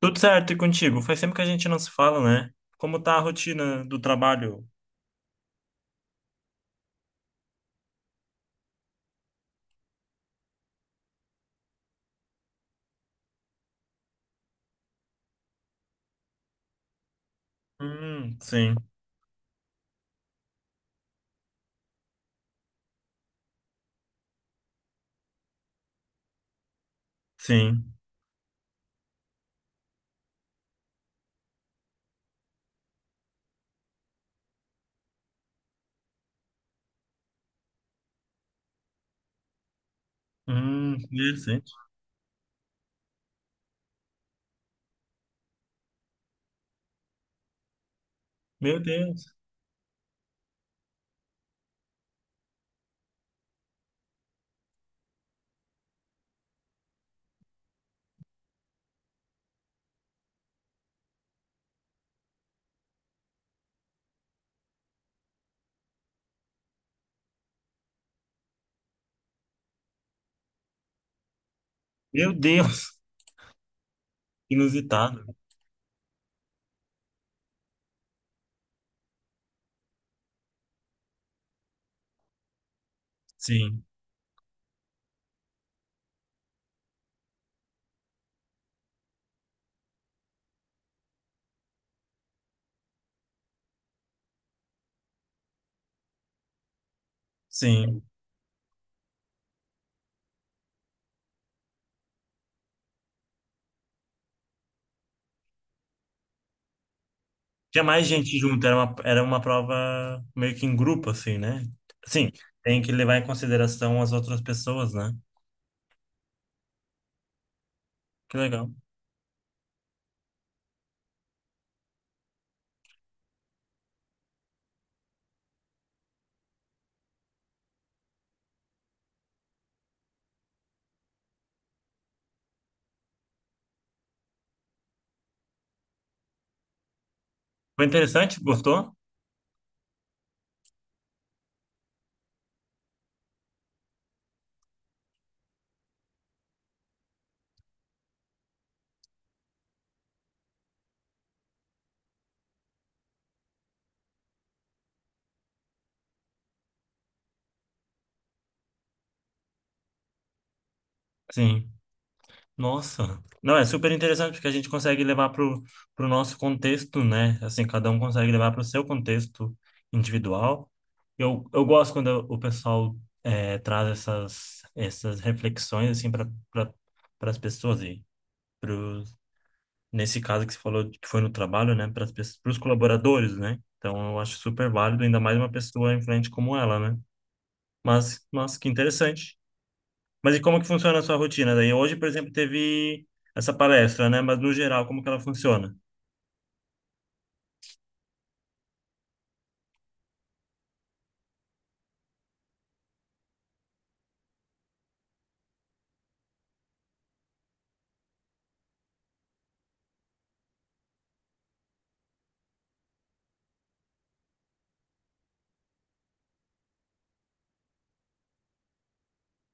Tudo certo e contigo? Faz tempo que a gente não se fala, né? Como tá a rotina do trabalho? Hum, sim, sim. Interessante. Meu Deus. Meu Deus. Inusitado. Sim, sim, tinha mais gente junto, era era uma prova meio que em grupo, assim, né? Sim, tem que levar em consideração as outras pessoas, né? Que legal. Foi interessante? Gostou? Sim. Nossa, não, é super interessante porque a gente consegue levar pro nosso contexto, né? Assim, cada um consegue levar pro seu contexto individual. Eu gosto quando o pessoal traz essas reflexões, assim, para pra, as pessoas e pros, nesse caso que você falou que foi no trabalho, né? Para os colaboradores, né? Então, eu acho super válido, ainda mais uma pessoa influente como ela, né? Mas, nossa, que interessante. Mas e como que funciona a sua rotina daí? Hoje, por exemplo, teve essa palestra, né? Mas no geral, como que ela funciona?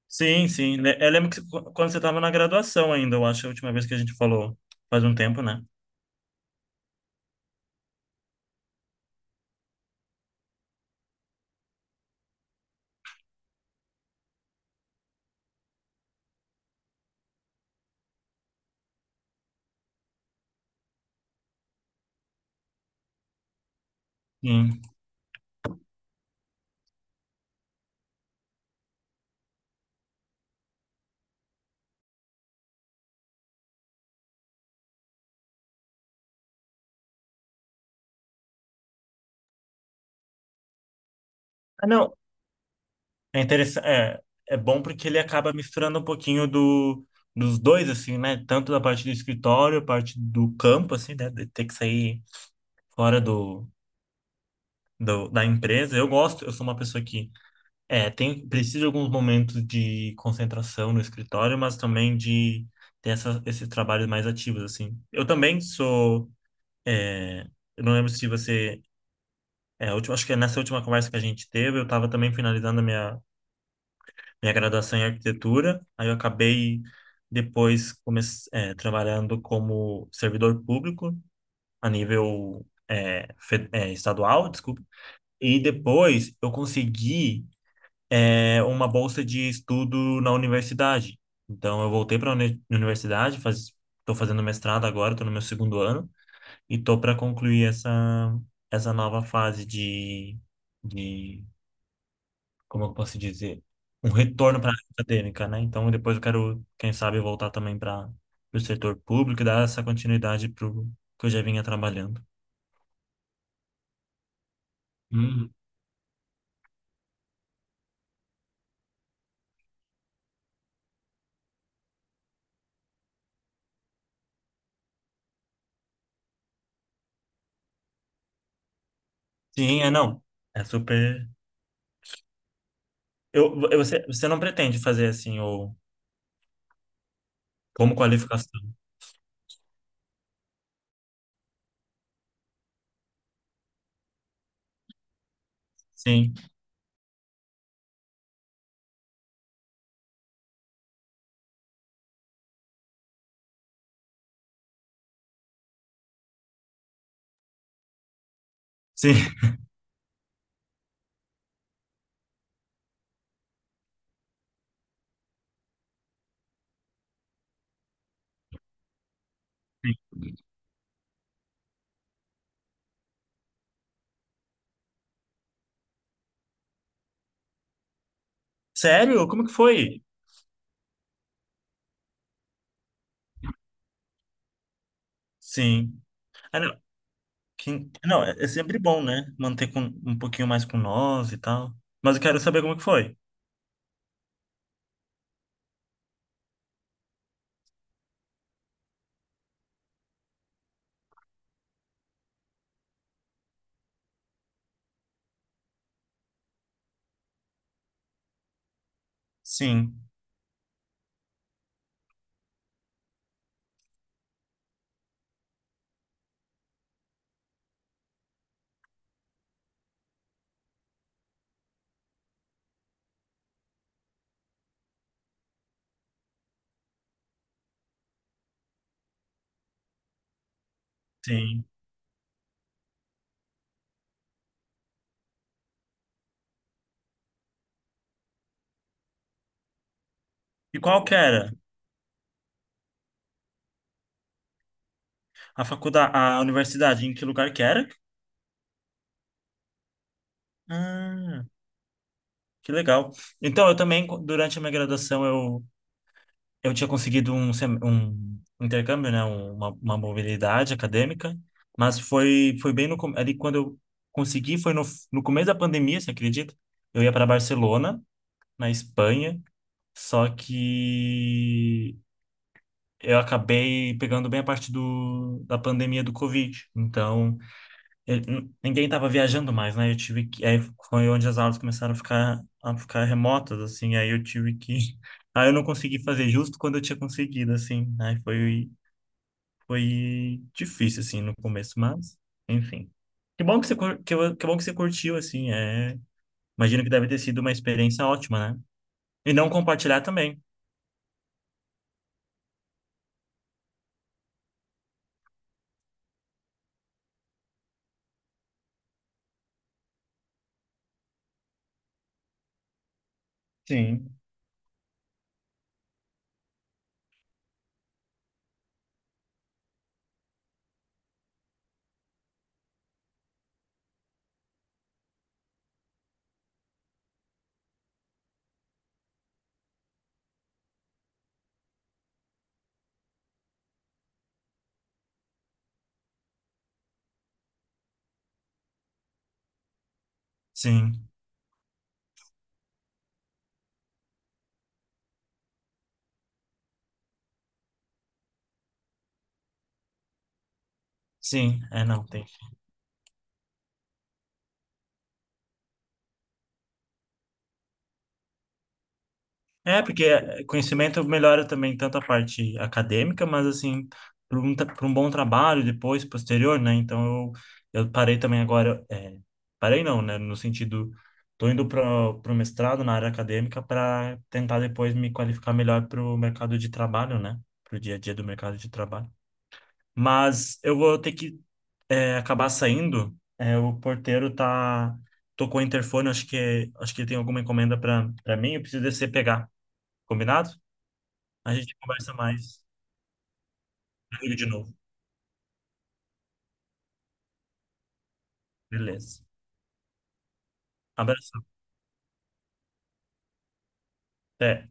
Sim, sim. Eu lembro que quando você estava na graduação ainda, eu acho, a última vez que a gente falou, faz um tempo, né? Sim. Ah, não. É interessante, é, é bom porque ele acaba misturando um pouquinho dos dois, assim, né? Tanto da parte do escritório, a parte do campo, assim, né? De ter que sair fora do, da empresa. Eu gosto, eu sou uma pessoa que é, tem, precisa de alguns momentos de concentração no escritório, mas também de ter esses trabalhos mais ativos, assim. Eu também sou, é, eu não lembro se você, é, a última, acho que é nessa última conversa que a gente teve, eu estava também finalizando a minha graduação em arquitetura, aí eu acabei depois é, trabalhando como servidor público a nível é, é, estadual, desculpa, e depois eu consegui uma bolsa de estudo na universidade. Então, eu voltei para a universidade, estou fazendo mestrado agora, estou no meu segundo ano, e estou para concluir essa nova fase de, como eu posso dizer, um retorno para a área acadêmica, né? Então, depois eu quero, quem sabe, voltar também para o setor público e dar essa continuidade para o que eu já vinha trabalhando. Uhum. Sim, é não. É super. Você não pretende fazer assim, ou como qualificação? Sim. Sim. Sério? Como que foi? Sim. Ah, não. Não, é sempre bom, né? Manter com um pouquinho mais com nós e tal. Mas eu quero saber como que foi. Sim, sim. E qual que era? A faculdade, a universidade, em que lugar que era? Ah, que legal. Então, eu também, durante a minha graduação, eu tinha conseguido um, um intercâmbio, né? Uma mobilidade acadêmica, mas foi, foi bem no, ali quando eu consegui, foi no começo da pandemia, você acredita? Eu ia para Barcelona, na Espanha, só que eu acabei pegando bem a parte do, da pandemia do Covid. Então, ninguém estava viajando mais, né? Eu tive que, aí foi onde as aulas começaram a ficar remotas, assim. Aí eu tive que, aí eu não consegui fazer justo quando eu tinha conseguido, assim. Aí foi difícil assim no começo, mas enfim. Que bom que você que bom que você curtiu, assim. É, imagino que deve ter sido uma experiência ótima, né? E não compartilhar também. Sim. Sim, sim. É, não tem. É, porque conhecimento melhora também tanto a parte acadêmica, mas assim, para um, pra um bom trabalho depois, posterior, né? Então eu parei também agora, é, parei não, né? No sentido, tô indo para o mestrado na área acadêmica para tentar depois me qualificar melhor para o mercado de trabalho, né? Para o dia a dia do mercado de trabalho. Mas eu vou ter que é, acabar saindo, é, o porteiro tocou o interfone, acho que tem alguma encomenda para mim, eu preciso descer e pegar. Combinado? A gente conversa mais comigo de novo. Beleza. Abração. Até.